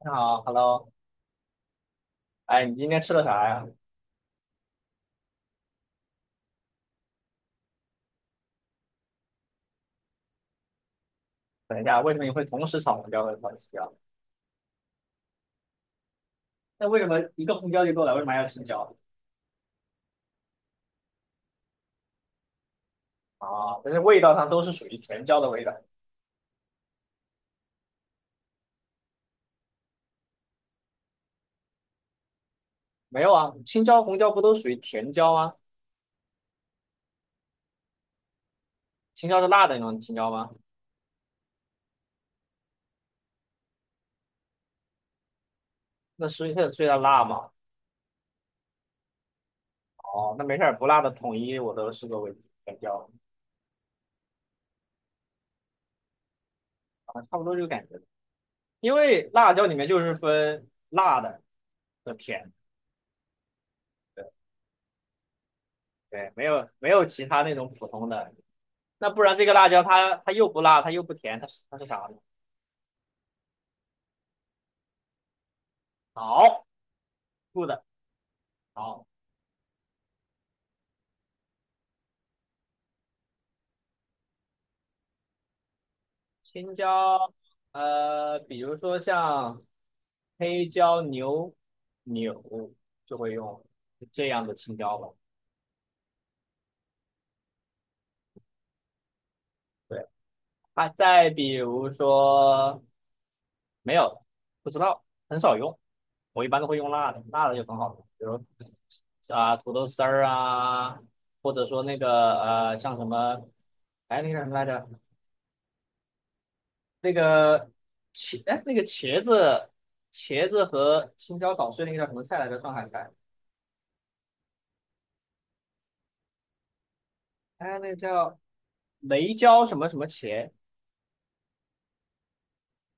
你好，Hello，哎，你今天吃了啥呀？等一下，为什么你会同时炒红椒和炒青椒？那为什么一个红椒就够了？为什么还要青椒？啊，但是味道上都是属于甜椒的味道。没有啊，青椒、红椒不都属于甜椒吗？青椒是辣的那种青椒吗？那所以它辣嘛。哦，那没事儿，不辣的统一我都视作为甜椒啊，差不多这个感觉。因为辣椒里面就是分辣的和甜的，对，没有没有其他那种普通的，那不然这个辣椒它又不辣，它又不甜，它是啥呢？好，good，好，青椒，比如说像黑椒牛柳就会用这样的青椒吧。对，啊，再比如说没有，不知道，很少用，我一般都会用辣的，辣的就很好用，比如啊土豆丝儿啊，或者说那个像什么，哎那个什么来着，那个茄，哎，那个茄子，茄子和青椒捣碎那个叫什么菜来着？上海菜，哎，那个叫雷椒什么什么茄，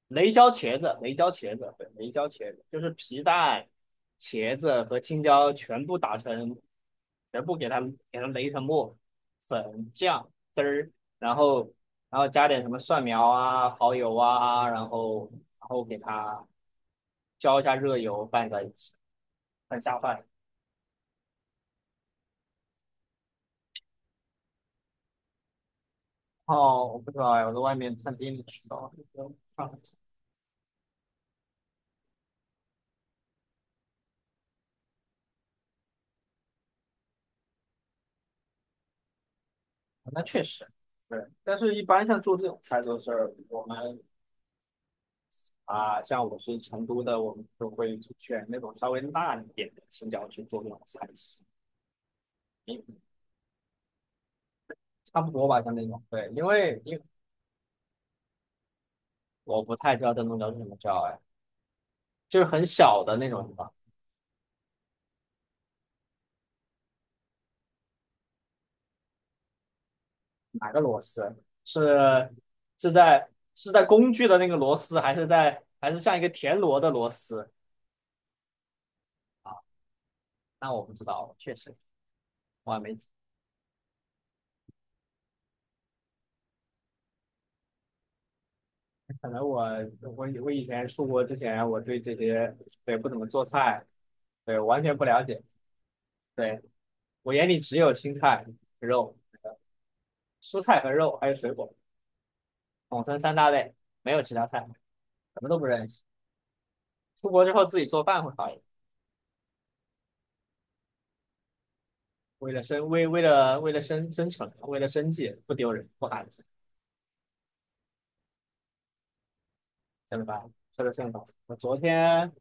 雷椒茄子，雷椒茄子，对，雷椒茄子就是皮蛋、茄子和青椒全部打成，全部给它给它擂成沫，粉酱汁儿，然后然后加点什么蒜苗啊、蚝油啊，然后给它浇一下热油拌在一起，很下饭。哦，我不知道哎，我在外面餐厅里吃到的那种串串那确实，对。但是，一般像做这种菜都是我们啊、像我是成都的，我们就会选那种稍微辣一点的青椒去做那种菜系，嗯，差不多吧，像那种。对，因为我不太知道灯笼椒是什么椒，哎，就是很小的那种什么，哪个螺丝？是是在是在工具的那个螺丝，还是在还是像一个田螺的螺丝啊？那我不知道，确实我还没。可能我我以前出国之前，我对这些对不怎么做菜，对完全不了解。对我眼里只有青菜、肉、蔬菜和肉，还有水果，统称三大类，没有其他菜，什么都不认识。出国之后自己做饭会好一点，为了生存，为了生计，不丢人不寒碜，晓得吧？吃的正饱。我昨天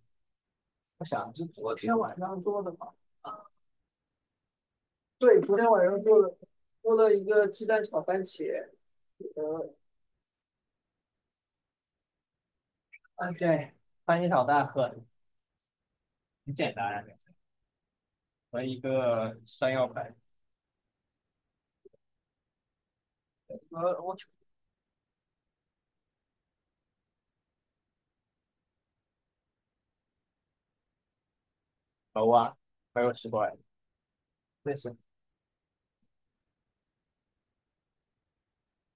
我想是昨天晚上做的吧？啊，对，昨天晚上做的，做了一个鸡蛋炒番茄，呃啊，对，翻一场大很很简单啊和一个山药粉，我熟啊，没有吃过哎，那是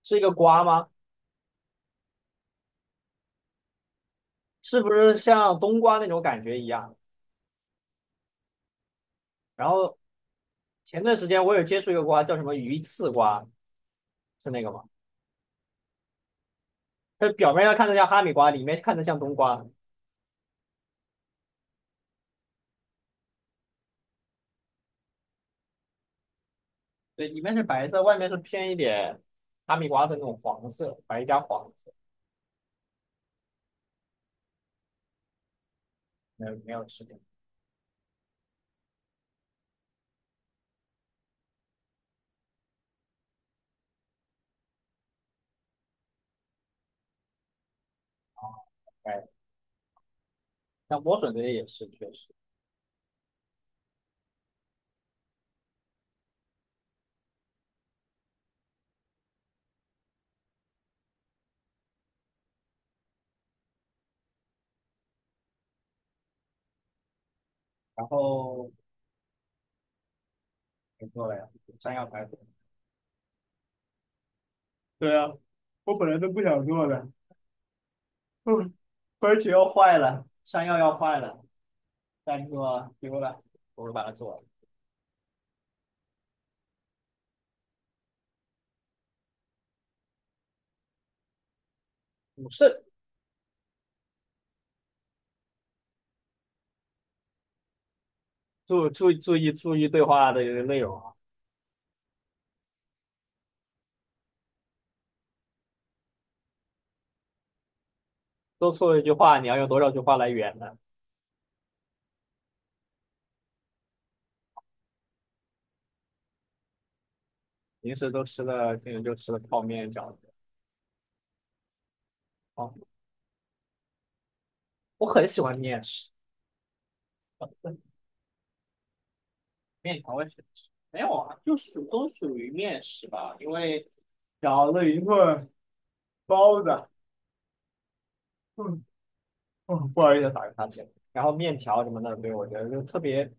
是一个瓜吗？是不是像冬瓜那种感觉一样？然后前段时间我有接触一个瓜，叫什么鱼刺瓜，是那个吗？它表面上看着像哈密瓜，里面看着像冬瓜，对，里面是白色，外面是偏一点哈密瓜的那种黄色，白加黄色，没有没有吃过啊，哎，像莴笋这些也是确实，然后没错了呀，山药排骨对啊，我本来都不想做的，嗯，茄要要坏了，山药要坏了，但是说丢了，我就把它做了。是，注意对话的内容啊，多说错一句话，你要用多少句话来圆呢？平时都吃了，平时就吃了泡面饺子。哦，我很喜欢面食，面条我也喜欢吃。没有啊，就属都属于面食吧，因为饺子、云棍、包子，嗯不好意思打个哈欠。然后面条什么的，对我觉得就特别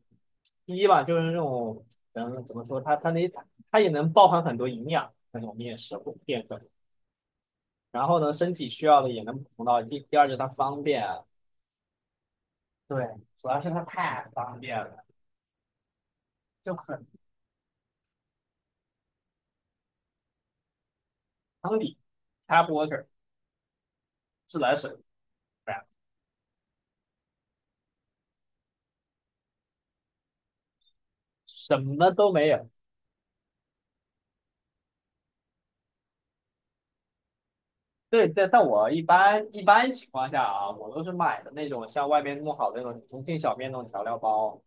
第一吧，就是那种，嗯，怎么说，它它也能包含很多营养那种面食或淀粉，然后呢，身体需要的也能补充到。第二就是它方便啊，对，主要是它太方便了，就很汤底、tap water、自来水，对啊什么都没有。对对，但我一般情况下啊，我都是买的那种像外面弄好的那种重庆小面那种调料包。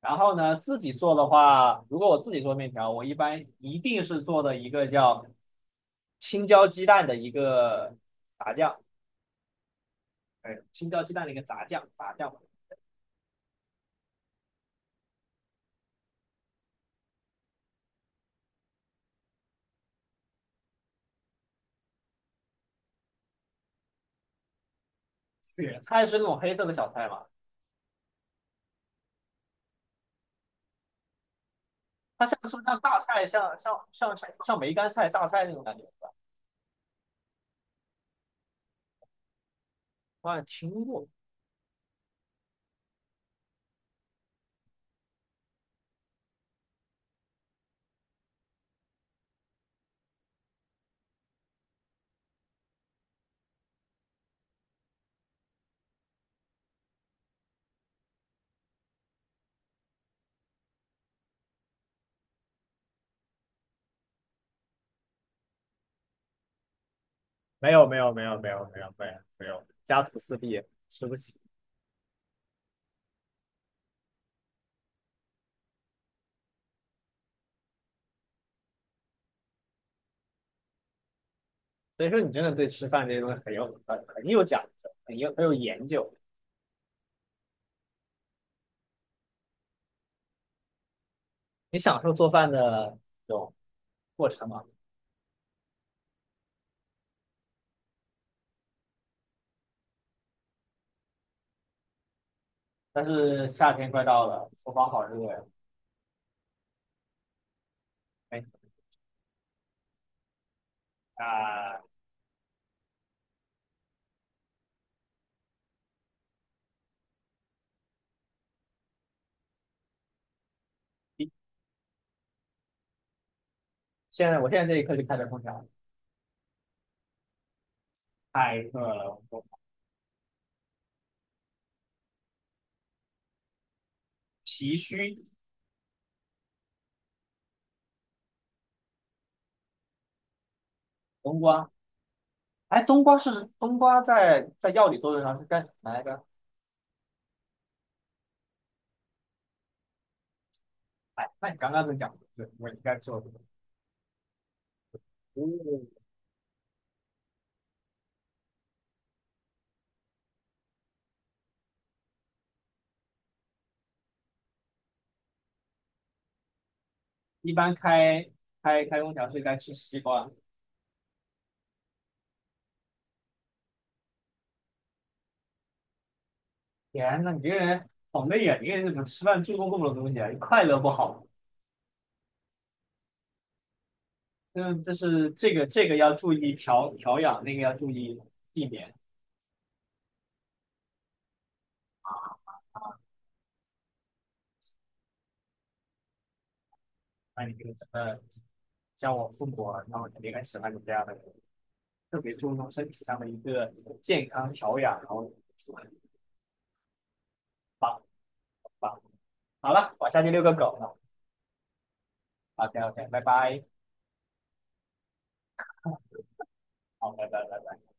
然后呢，自己做的话，如果我自己做面条，我一般一定是做的一个叫青椒鸡蛋的一个炸酱，哎，青椒鸡蛋的一个炸酱，炸酱。雪菜是那种黑色的小菜嘛？它像是不是像大菜，像梅干菜、榨菜那种感觉？是吧我好像听过。没有没有没有没有没有没有没有，家徒四壁，吃不起。所以说你真的对吃饭这些东西很有很有讲究，很有有研究。你享受做饭的这种过程嘛？但是夏天快到了，厨房好热呀！哎啊！现在这一刻就开着空调，太饿了，我脾虚。冬瓜，哎，冬瓜在药理作用上是干什么来着？哎，那你刚刚都讲的对，我应该做的。哦，一般开空调是该吃西瓜。天呐，你这个人好累啊！你这个人怎么吃饭注重这么多东西啊？你快乐不好嗯，这是这个要注意调养，那个要注意避免。那你这个整个像我父母啊，他们肯定很喜欢你这样的人特别注重身体上的一个健康调养，然后。好，棒，好了，我下去遛个狗了。OK OK，拜拜，好，拜拜。